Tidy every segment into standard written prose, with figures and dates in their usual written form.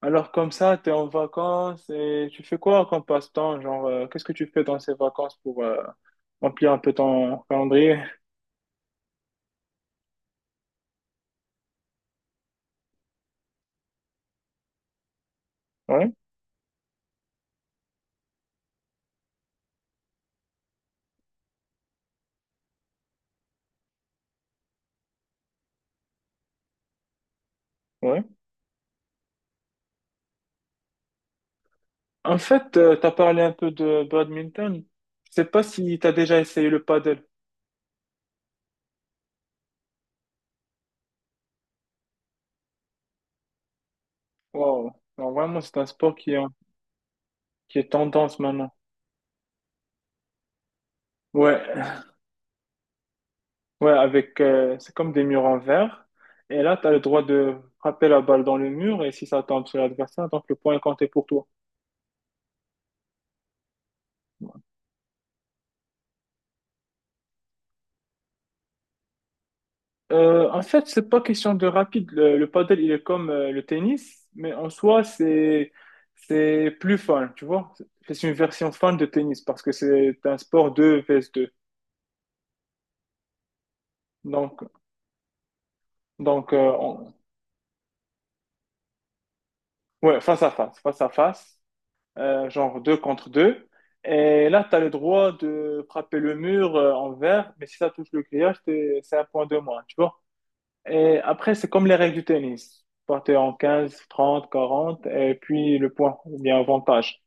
Alors comme ça, tu es en vacances et tu fais quoi comme passe-temps? Genre, qu'est-ce que tu fais dans ces vacances pour remplir un peu ton calendrier? Ouais, ouais. En fait, tu as parlé un peu de badminton. Je sais pas si tu as déjà essayé le paddle. Wow. Non, vraiment, c'est un sport qui est, qui est tendance maintenant. Ouais, ouais, avec, c'est comme des murs en verre. Et là, tu as le droit de frapper la balle dans le mur et si ça tombe sur l'adversaire, donc le point est compté pour toi. En fait, c'est pas question de rapide. Le padel, il est comme le tennis, mais en soi, c'est plus fun, tu vois. C'est une version fun de tennis parce que c'est un sport 2 vs 2. Donc, donc euh, on- ouais, face à face, genre 2 contre 2. Et là, tu as le droit de frapper le mur en vert, mais si ça touche le grillage, c'est un point de moins, tu vois. Et après, c'est comme les règles du tennis. Partez en 15, 30, 40, et puis le point, il y a avantage.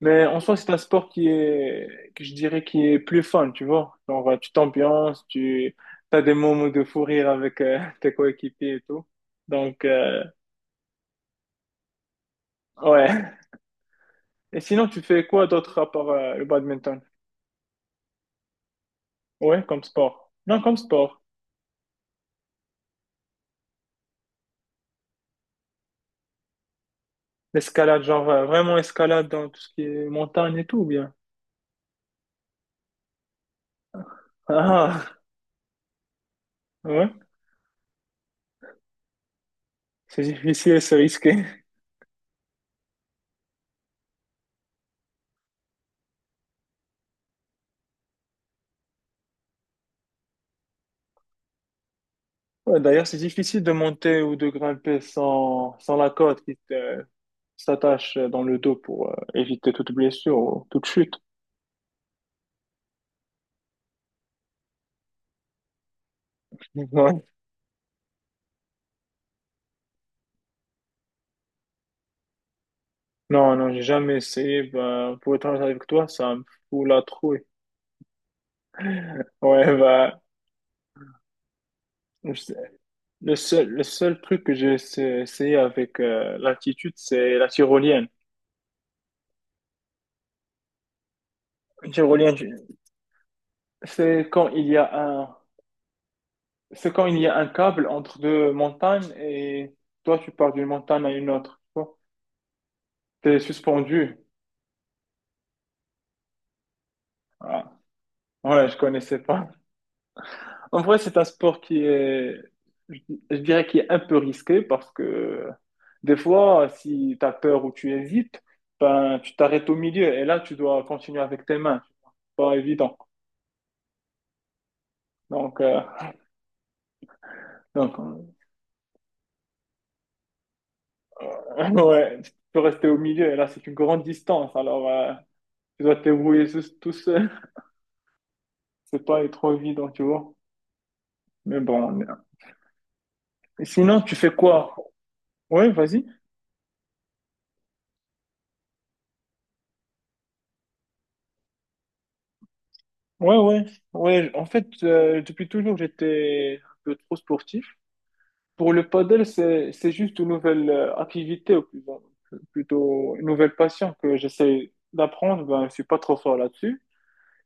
Mais en soi, c'est un sport qui est, que je dirais, qui est plus fun, tu vois. Genre, tu t'ambiances, tu as des moments de fou rire avec tes coéquipiers et tout. Donc, ouais. Et sinon, tu fais quoi d'autre à part le badminton? Ouais, comme sport. Non, comme sport. L'escalade, genre, vraiment escalade dans tout ce qui est montagne et tout, ou bien. Ah, ah. Ouais. C'est difficile, c'est risqué. Ouais, d'ailleurs, c'est difficile de monter ou de grimper sans la corde qui te, s'attache dans le dos pour éviter toute blessure ou toute chute. Ouais. Non, non, j'ai jamais essayé. Bah, pour être honnête avec toi, ça me fout la trouille. Ouais, bah, je sais- le seul truc que essayé avec l'altitude, c'est la tyrolienne. Une Tyrolienne, je- c'est quand il y a un, c'est quand il y a un câble entre deux montagnes et toi, tu pars d'une montagne à une autre. Tu es suspendu. Ah, Ouais, je connaissais pas. En vrai, c'est un sport qui est, je je dirais, qui est un peu risqué parce que des fois, si tu as peur ou tu hésites, ben, tu t'arrêtes au milieu et là, tu dois continuer avec tes mains. C'est pas évident. Donc, euh, donc euh, ouais, tu peux rester au milieu et là, c'est une grande distance. Alors, tu dois te débrouiller tout seul. C'est pas trop évident, tu vois. Mais bon, sinon, tu fais quoi? Ouais, vas-y. Ouais, ouais, ouais. En fait, depuis toujours, j'étais un peu trop sportif. Pour le paddle, c'est juste une nouvelle activité, ou plus, plutôt une nouvelle passion que j'essaie d'apprendre. Ben, je suis pas trop fort là-dessus.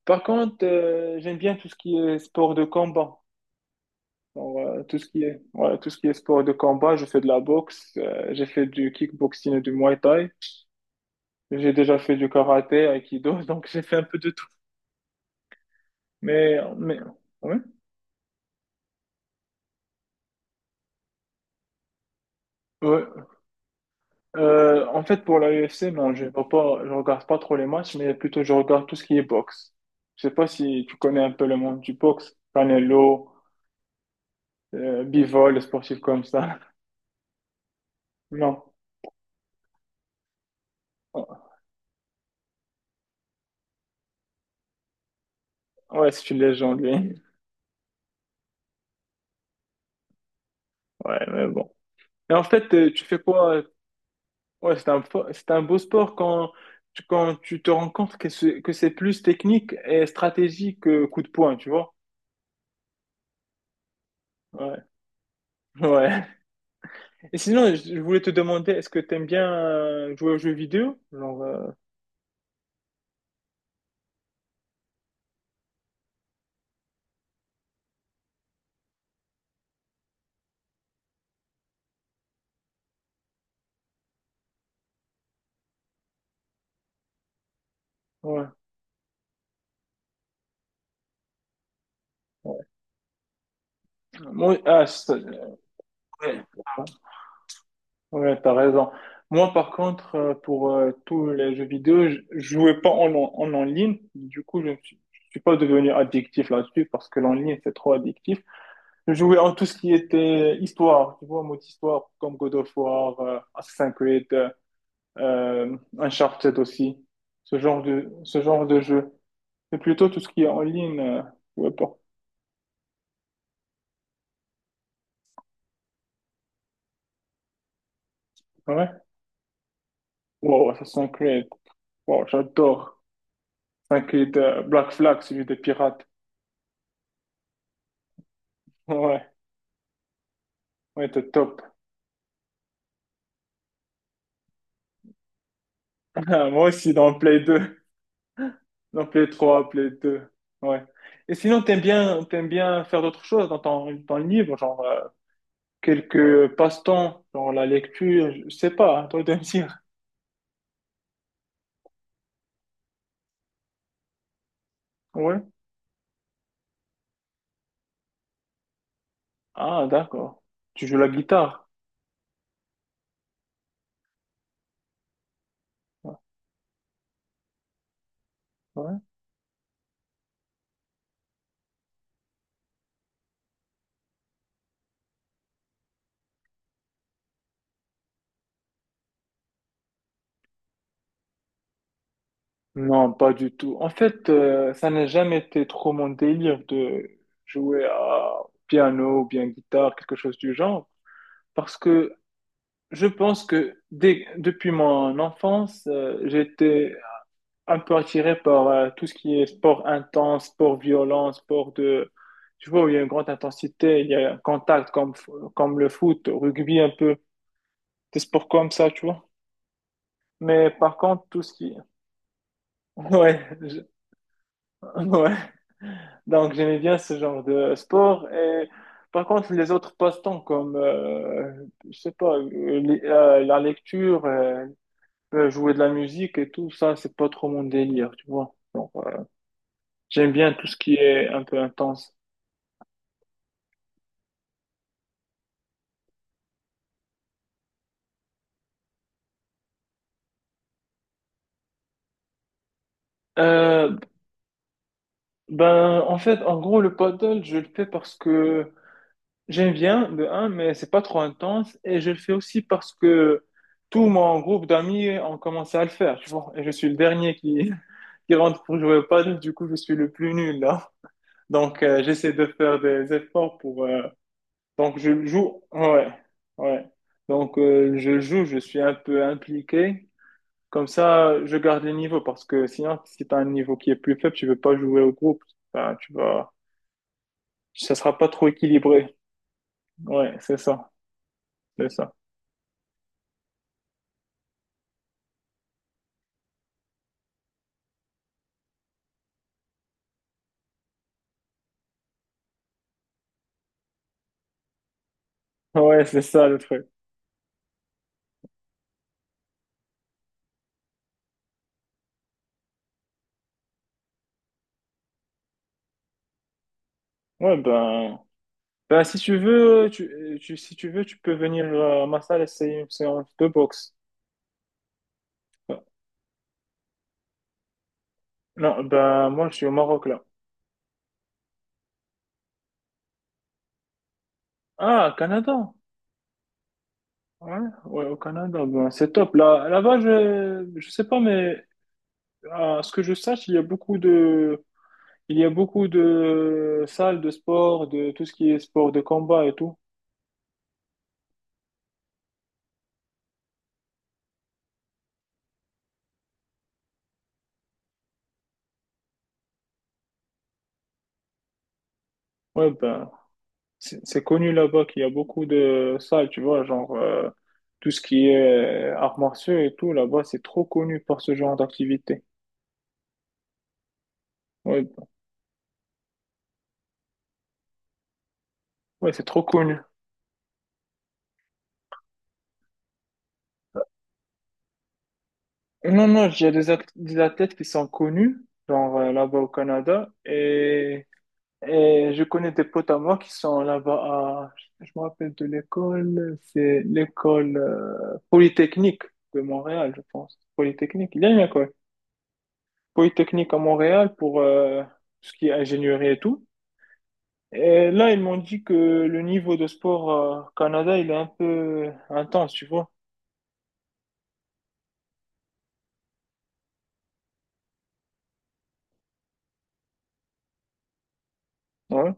Par contre, j'aime bien tout ce qui est sport de combat. Donc, tout ce qui est, voilà, tout ce qui est sport de combat, je fais de la boxe, j'ai fait du kickboxing et du muay thai. J'ai déjà fait du karaté, aikido, donc j'ai fait un peu de tout. Mais, mais, ouais. Ouais. En fait, pour la UFC, non, je vois pas, je regarde pas trop les matchs, mais plutôt je regarde tout ce qui est boxe. Je sais pas si tu connais un peu le monde du boxe, Canelo, Bivol, les sportifs comme ça. Non. Ouais, c'est une légende, lui. Ouais, mais bon. Et en fait, tu fais quoi? Ouais, c'est un, c'est un beau sport quand tu te rends compte que c'est plus technique et stratégique que coup de poing, tu vois? Ouais. Ouais. Et sinon, je voulais te demander, est-ce que t'aimes bien jouer aux jeux vidéo? Genre, ouais. Moi, ah, c'est- ouais, ouais, t'as raison. Moi, par contre, pour tous les jeux vidéo, je jouais pas en ligne. Du coup, je suis pas devenu addictif là-dessus parce que l'en ligne, c'est trop addictif. Je jouais en tout ce qui était histoire, tu vois, mode histoire, comme God of War, Assassin's Creed, Uncharted aussi. Ce genre de jeu. Mais plutôt tout ce qui est en ligne, je jouais pas. Ouais. Wow, Assassin's Creed. Wow, j'adore. T'inquiète, Black Flag, celui des pirates. Ouais, ouais, t'es top. Moi aussi, dans Play 2, Play 2, Ouais. Et sinon, t'aimes bien faire d'autres choses dans ton, dans le livre, genre quelques passe-temps, genre la lecture, je sais pas, hein, toi de me dire. Ouais. Ah, d'accord. Tu joues la guitare. Ouais. Ouais. Non, pas du tout. En fait, ça n'a jamais été trop mon délire de jouer à piano ou bien guitare, quelque chose du genre, parce que je pense que depuis mon enfance, j'étais un peu attiré par tout ce qui est sport intense, sport violent, sport de... Tu vois, où il y a une grande intensité, il y a un contact comme, comme le foot, rugby un peu, des sports comme ça, tu vois. Mais par contre, tout ce qui... Ouais, je- ouais. Donc j'aimais bien ce genre de sport. Et par contre, les autres passe-temps comme, je sais pas, la lecture, jouer de la musique et tout ça, c'est pas trop mon délire, tu vois. Donc, j'aime bien tout ce qui est un peu intense. Euh, ben, en fait, en gros, le paddle, je le fais parce que j'aime bien de un, mais c'est pas trop intense et je le fais aussi parce que tout mon groupe d'amis ont commencé à le faire, tu vois. Et je suis le dernier qui, qui rentre pour jouer au paddle, du coup je suis le plus nul là. Donc j'essaie de faire des efforts pour. Donc je le joue, ouais, ouais. Donc je joue, je suis un peu impliqué. Comme ça, je garde le niveau parce que sinon, si t'as un niveau qui est plus faible, tu ne veux pas jouer au groupe. Enfin, tu vas, ça sera pas trop équilibré. Ouais, c'est ça, c'est ça. Ouais, c'est ça le truc. Ouais, ben, ben si tu veux, si tu veux, tu peux venir à ma salle essayer une séance de boxe. Non, ben, moi, je suis au Maroc, là. Ah, Canada. Ouais, ouais, au Canada, ben, c'est top. Là, là-bas, je sais pas, mais à ce que je sache, il y a beaucoup de, il y a beaucoup de salles de sport, de tout ce qui est sport de combat et tout. Ouais, ben, c'est connu là-bas qu'il y a beaucoup de salles, tu vois, genre tout ce qui est arts martiaux et tout, là-bas, c'est trop connu pour ce genre d'activité. Ouais, ouais, c'est trop connu. Non, non, il y a des athlètes qui sont connus, genre là-bas au Canada, et je connais des potes à moi qui sont là-bas à, je me rappelle de l'école, c'est l'école Polytechnique de Montréal, je pense. Polytechnique, il y a une école. Polytechnique à Montréal pour tout ce qui est ingénierie et tout. Et là, ils m'ont dit que le niveau de sport Canada, il est un peu intense, tu vois. Ouais.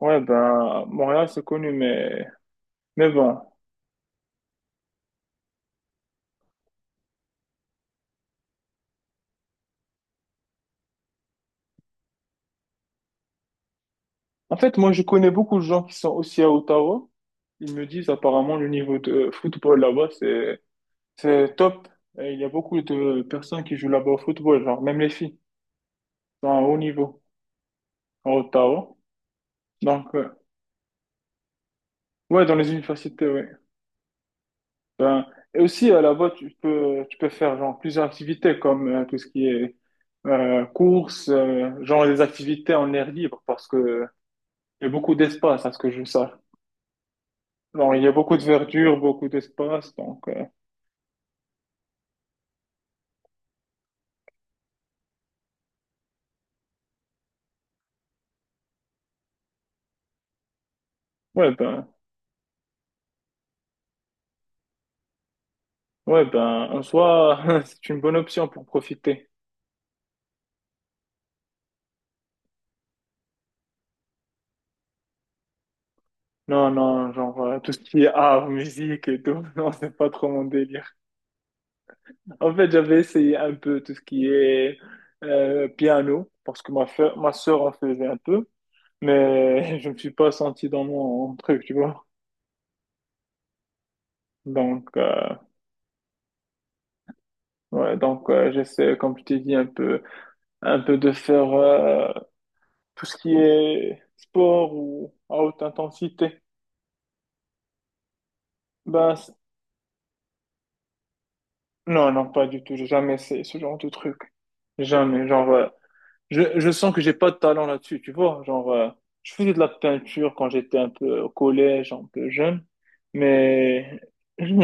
Ouais, ben, Montréal, c'est connu, mais bon. En fait, moi, je connais beaucoup de gens qui sont aussi à Ottawa. Ils me disent apparemment le niveau de football là-bas, c'est top. Et il y a beaucoup de personnes qui jouent là-bas au football, genre même les filles, sont à un haut niveau à Ottawa. Donc, ouais, dans les universités, ouais. Ben, et aussi, là-bas, tu peux faire genre, plusieurs activités comme tout ce qui est course, genre des activités en air libre parce que il y a beaucoup d'espace à ce que je sache. Genre, il y a beaucoup de verdure, beaucoup d'espace. Donc, ouais, ben, ouais, ben, en soi, c'est une bonne option pour profiter. Non, non, genre, tout ce qui est art, musique et tout, non, c'est pas trop mon délire. En fait, j'avais essayé un peu tout ce qui est piano parce que ma sœur en faisait un peu. Mais je me suis pas senti dans mon truc, tu vois. Donc, ouais, donc j'essaie, comme je t'ai dit, un peu de faire tout ce qui est sport ou à haute intensité. Ben, c- non, non, pas du tout. J'ai jamais essayé ce genre de truc. Jamais. Genre, je sens que j'ai pas de talent là-dessus, tu vois. Genre, je faisais de la peinture quand j'étais un peu au collège, un peu jeune, mais je,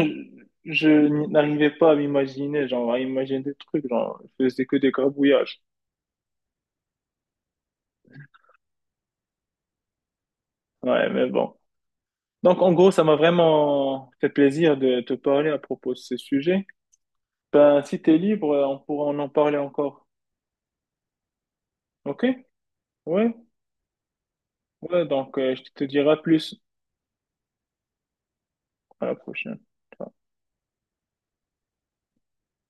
je n'arrivais pas à m'imaginer, genre, à imaginer des trucs, genre, je faisais que des gribouillages. Ouais, mais bon. Donc, en gros, ça m'a vraiment fait plaisir de te parler à propos de ce sujet. Ben, si t'es libre, on pourra en parler encore. Ok? Ouais? Ouais, donc, je te dirai plus à la prochaine. Ciao.